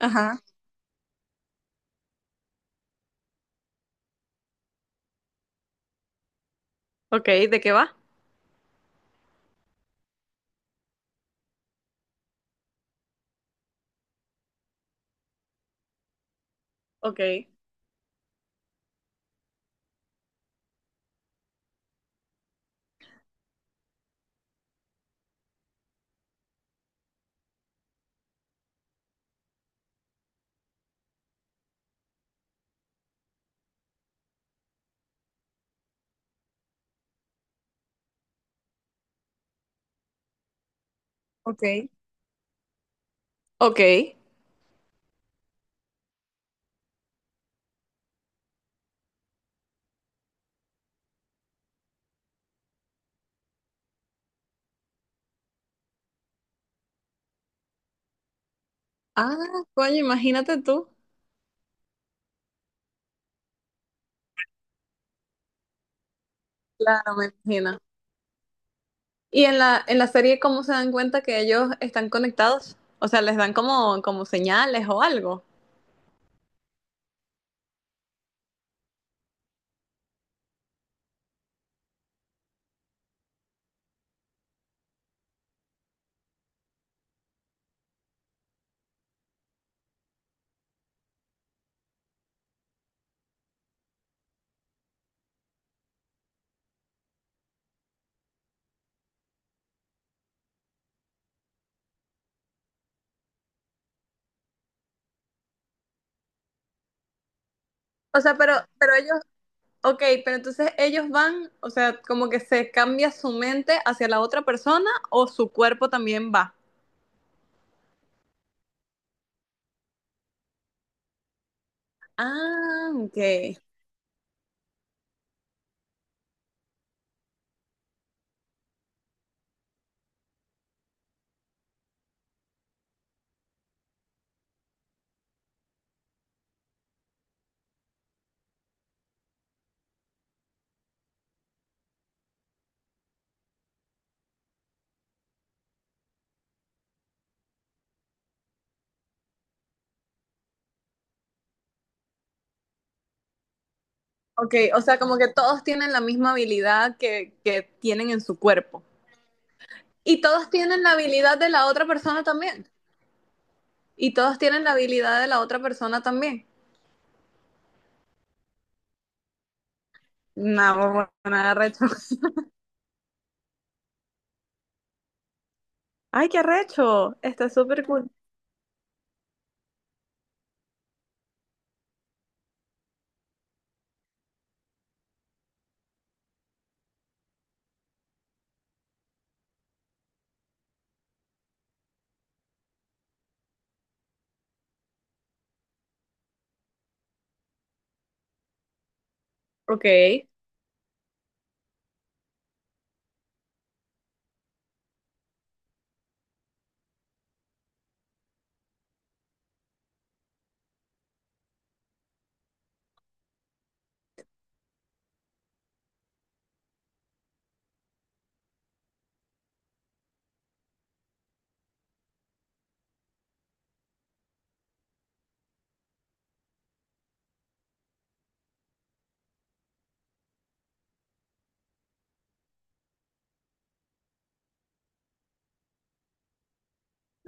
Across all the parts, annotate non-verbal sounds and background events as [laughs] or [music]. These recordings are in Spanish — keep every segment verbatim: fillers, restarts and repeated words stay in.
Ajá. Ok, ¿de qué va? Ok. Ok. Ok. Ah, coño, imagínate tú. Claro, me imagino. ¿Y en la, en la serie cómo se dan cuenta que ellos están conectados? O sea, les dan como, como señales o algo. O sea, pero, pero ellos, ok, pero entonces ellos van, o sea, como que se cambia su mente hacia la otra persona o su cuerpo también va. Ah, ok. Ok, o sea, como que todos tienen la misma habilidad que, que tienen en su cuerpo. Y todos tienen la habilidad de la otra persona también. Y todos tienen la habilidad de la otra persona también. No, nada recho. [laughs] Ay, qué recho. Está súper cool. Ok,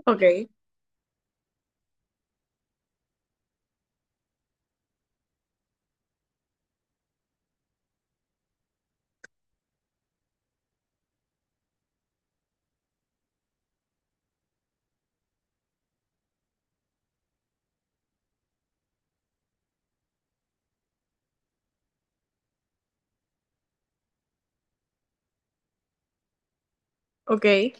ok, ok,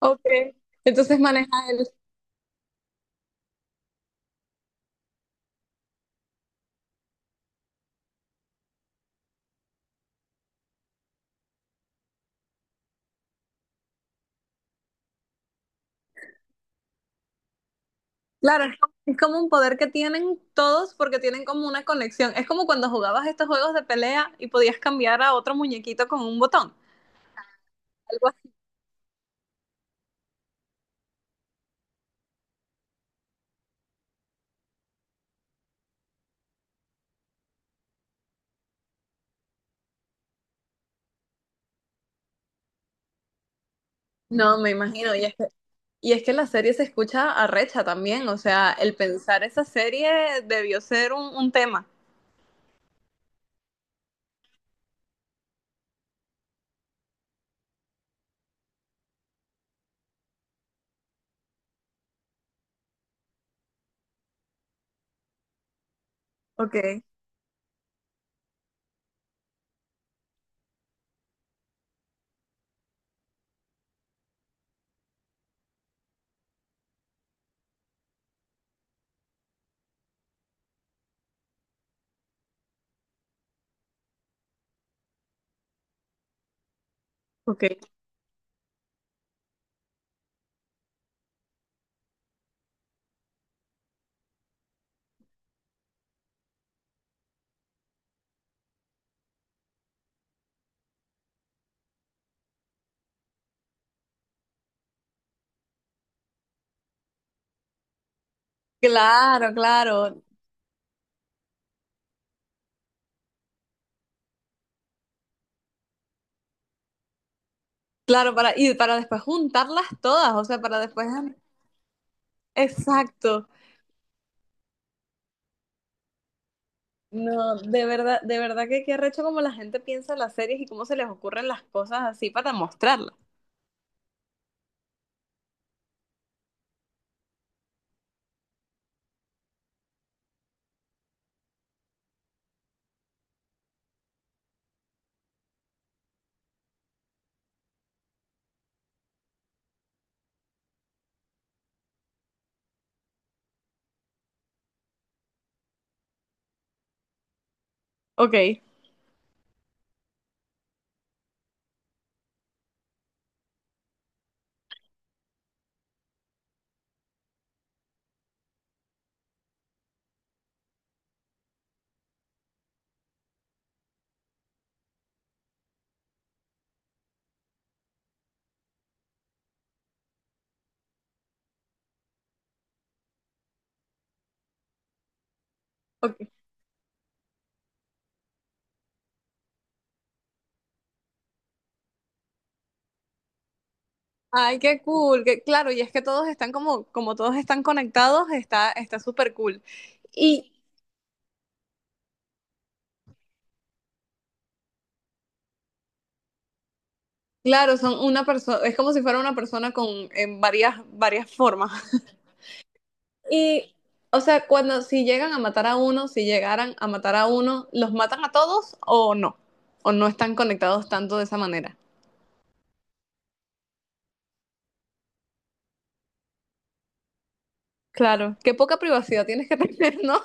ok. Entonces maneja el... Claro, es como- es como un poder que tienen todos porque tienen como una conexión. Es como cuando jugabas estos juegos de pelea y podías cambiar a otro muñequito con un botón. Algo así. No, me imagino. Y es Y es que la serie se escucha arrecha también, o sea, el pensar esa serie debió ser un, un tema. Ok, ok. Claro, claro, claro, para, y para después juntarlas todas, o sea, para después... Exacto. No, de verdad, de verdad que qué arrecho como la gente piensa las series y cómo se les ocurren las cosas así para mostrarlas. Ok, ok. Ay, qué cool, que, claro, y es que todos están como, como todos están conectados, está, está súper cool. Y, Claro, son una persona, es como si fuera una persona con en varias, varias formas. [laughs] Y, o sea, cuando si llegan a matar a uno, si llegaran a matar a uno, ¿los matan a todos o no? ¿O no están conectados tanto de esa manera? Claro, qué poca privacidad tienes que tener, ¿no?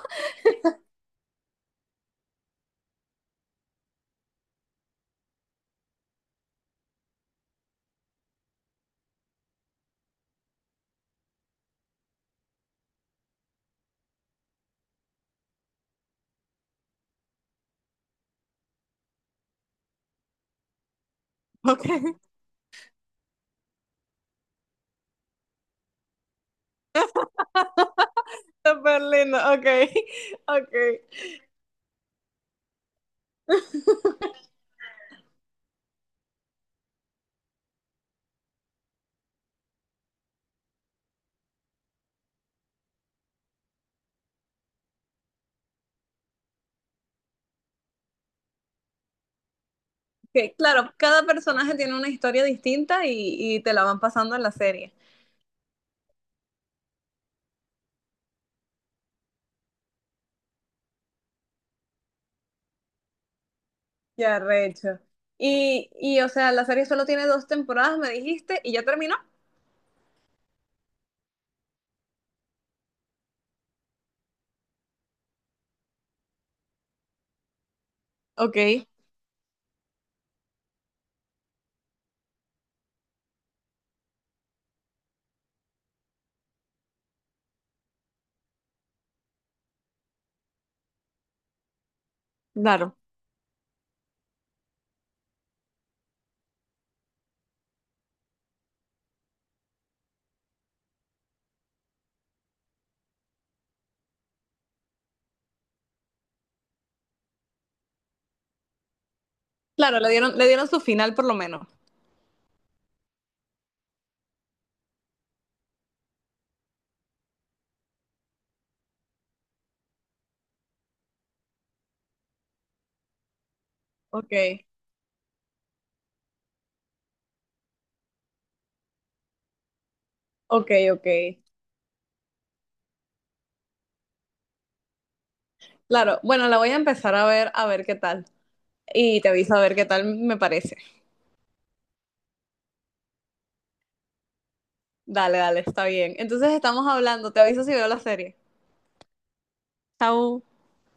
[laughs] Ok, súper lindo, ok, ok. Ok, claro, cada personaje tiene una historia distinta y, y te la van pasando en la serie. Ya, recho. Y, y, o sea, la serie solo tiene dos temporadas, me dijiste, y ya terminó. Ok, claro. Claro, le dieron, le dieron su final por lo menos. Ok, ok, ok. Claro, bueno, la voy a empezar a ver, a ver qué tal. Y te aviso a ver qué tal me parece. Dale, dale, está bien. Entonces estamos hablando, te aviso si veo la serie. Chao.